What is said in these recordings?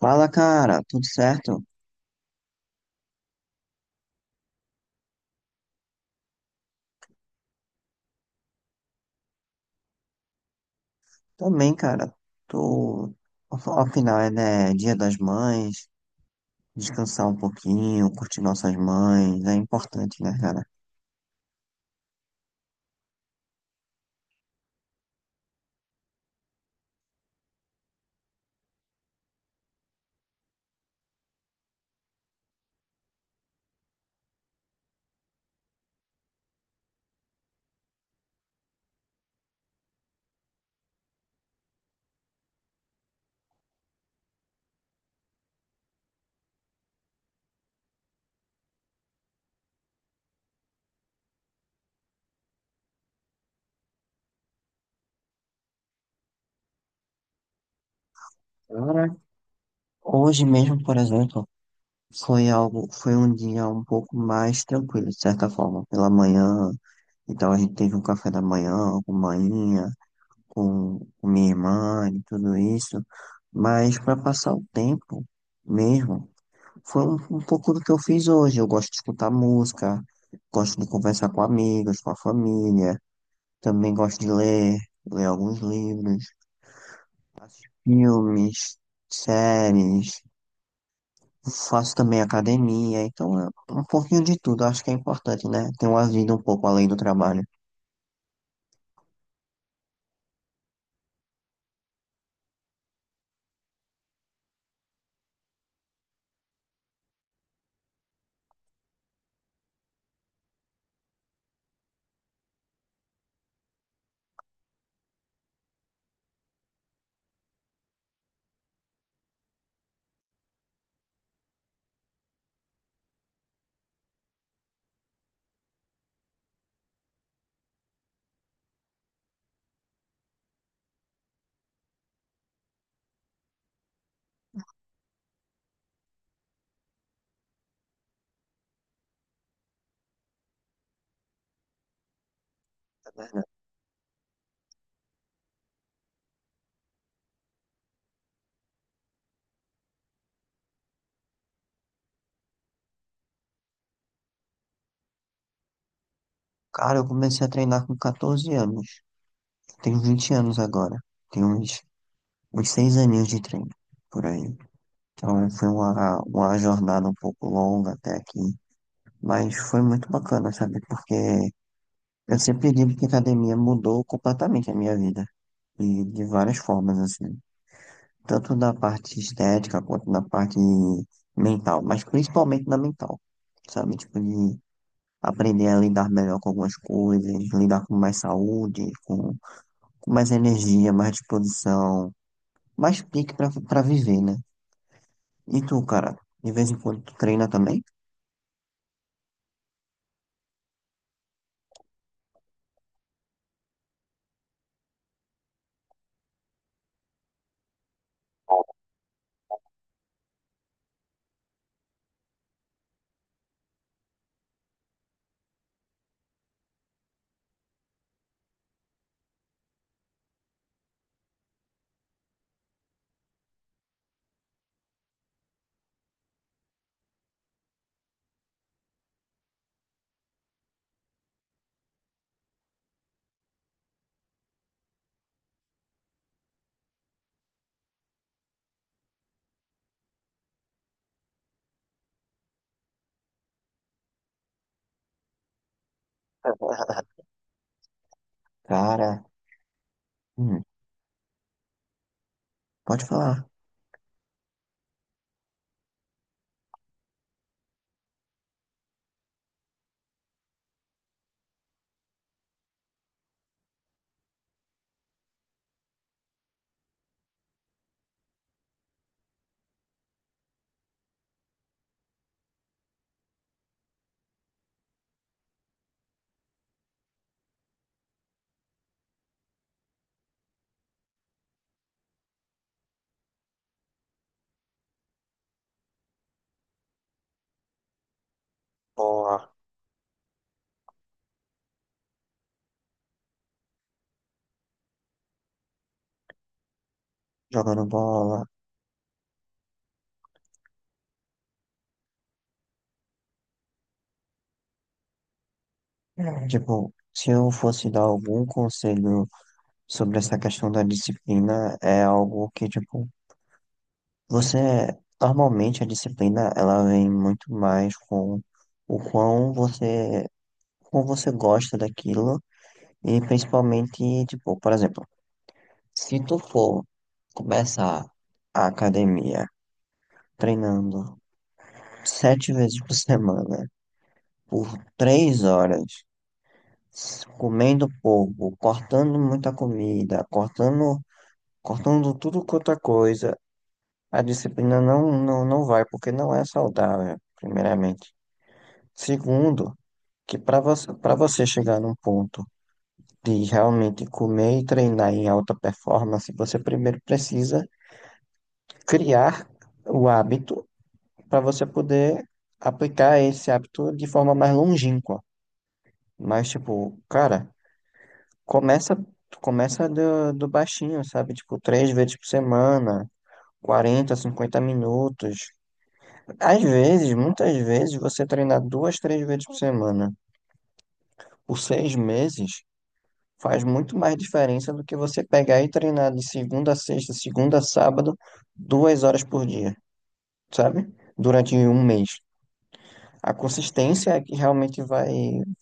Fala, cara, tudo certo? Também, cara. Tô. Afinal, é, né, Dia das Mães, descansar um pouquinho, curtir nossas mães, é importante, né, cara? Cara, hoje mesmo, por exemplo, foi um dia um pouco mais tranquilo, de certa forma. Pela manhã, então a gente teve um café da manhã com manhinha, com minha irmã e tudo isso. Mas para passar o tempo mesmo, foi um pouco do que eu fiz hoje. Eu gosto de escutar música, gosto de conversar com amigos, com a família. Também gosto de ler alguns livros, assistir filmes, séries. Faço também academia. Então, é um pouquinho de tudo. Acho que é importante, né? Ter uma vida um pouco além do trabalho. É verdade. Cara, eu comecei a treinar com 14 anos. Tenho 20 anos agora. Tenho uns 6 aninhos de treino, por aí. Então, foi uma jornada um pouco longa até aqui. Mas foi muito bacana, sabe? Porque eu sempre digo que a academia mudou completamente a minha vida. E de várias formas, assim. Tanto na parte estética quanto na parte mental. Mas principalmente na mental. Sabe? Tipo, de aprender a lidar melhor com algumas coisas, lidar com mais saúde, com mais energia, mais disposição, mais pique pra viver, né? E tu, cara, de vez em quando tu treina também? Cara, hum, pode falar. Boa. Jogando bola. É. Tipo, se eu fosse dar algum conselho sobre essa questão da disciplina, é algo que, tipo, você. Normalmente a disciplina ela vem muito mais com o quão você, como você gosta daquilo e principalmente, tipo, por exemplo, se tu for começar a academia treinando 7 vezes por semana por 3 horas comendo pouco, cortando muita comida, cortando tudo quanto é coisa, a disciplina não, não, não vai, porque não é saudável, primeiramente. Segundo, que para você chegar num ponto de realmente comer e treinar em alta performance, você primeiro precisa criar o hábito para você poder aplicar esse hábito de forma mais longínqua. Mas, tipo, cara. Começa, começa do baixinho, sabe? Tipo, 3 vezes por semana, 40, 50 minutos. Às vezes, muitas vezes, você treinar duas, três vezes por semana por 6 meses faz muito mais diferença do que você pegar e treinar de segunda a sexta, segunda a sábado, 2 horas por dia, sabe? Durante um mês. A consistência é que realmente vai,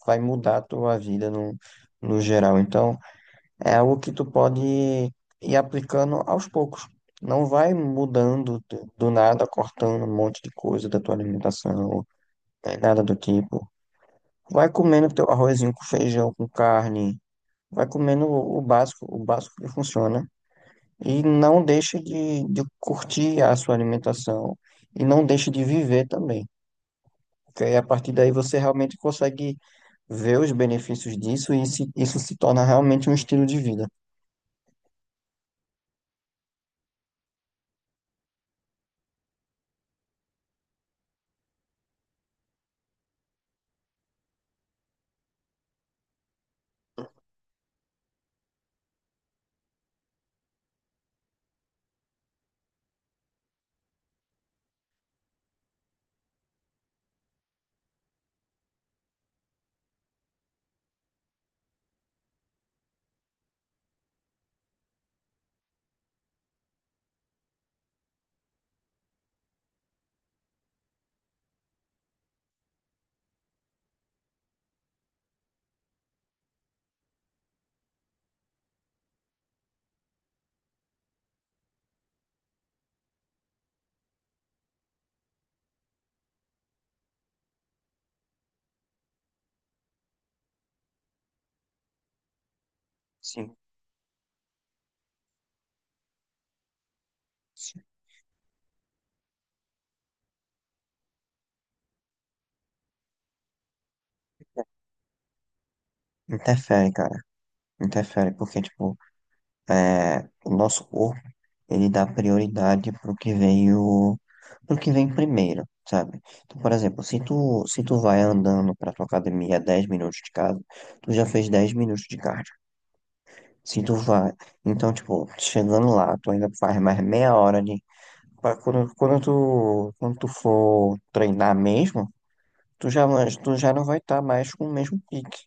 vai mudar a tua vida no geral. Então, é algo que tu pode ir aplicando aos poucos. Não vai mudando do nada, cortando um monte de coisa da tua alimentação, né, nada do tipo. Vai comendo teu arrozinho com feijão, com carne. Vai comendo o básico, o básico que funciona. E não deixe de curtir a sua alimentação. E não deixe de viver também. Porque aí, a partir daí você realmente consegue ver os benefícios disso e isso se torna realmente um estilo de vida. Sim. Interfere, cara. Interfere, porque, tipo, é, o nosso corpo, ele dá prioridade pro que veio, pro que vem primeiro, sabe? Então, por exemplo, se tu vai andando pra tua academia 10 minutos de casa, tu já fez 10 minutos de cardio. Se tu vai, então, tipo, chegando lá, tu ainda faz mais meia hora de, pra quando tu for treinar mesmo, tu já, tu já não vai estar mais com o mesmo pique.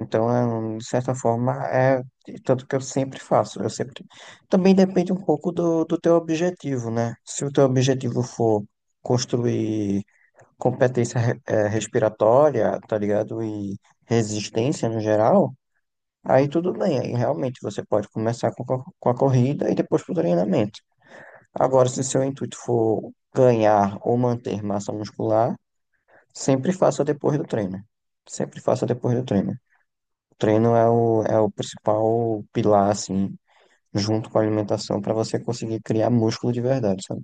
Então, é, de certa forma, é tanto que eu sempre faço. Eu sempre. Também depende um pouco do teu objetivo, né? Se o teu objetivo for construir competência respiratória, tá ligado? E resistência no geral, aí tudo bem. Aí realmente você pode começar com a corrida e depois com o treinamento. Agora, se seu intuito for ganhar ou manter massa muscular, sempre faça depois do treino. Sempre faça depois do treino. Treino é o principal pilar, assim, junto com a alimentação, para você conseguir criar músculo de verdade, sabe?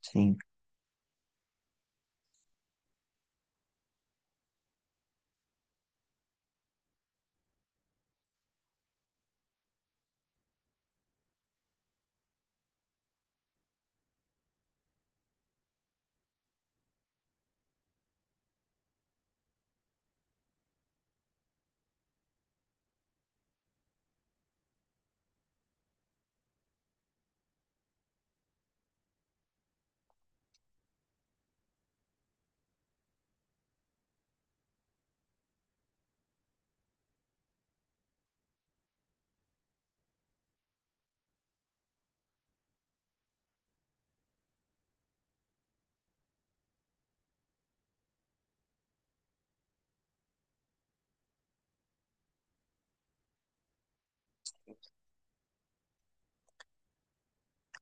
Sim.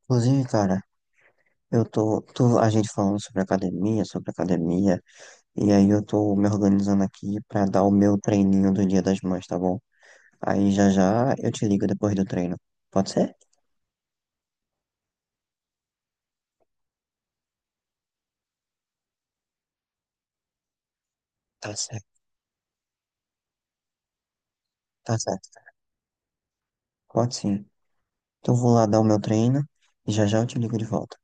Inclusive, cara, eu tô a gente falando sobre academia, e aí eu tô me organizando aqui pra dar o meu treininho do Dia das Mães, tá bom? Aí já já eu te ligo depois do treino. Pode ser? Tá certo, tá certo. Pode sim. Então eu vou lá dar o meu treino e já já eu te ligo de volta.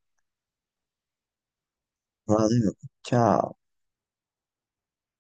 Valeu, tchau.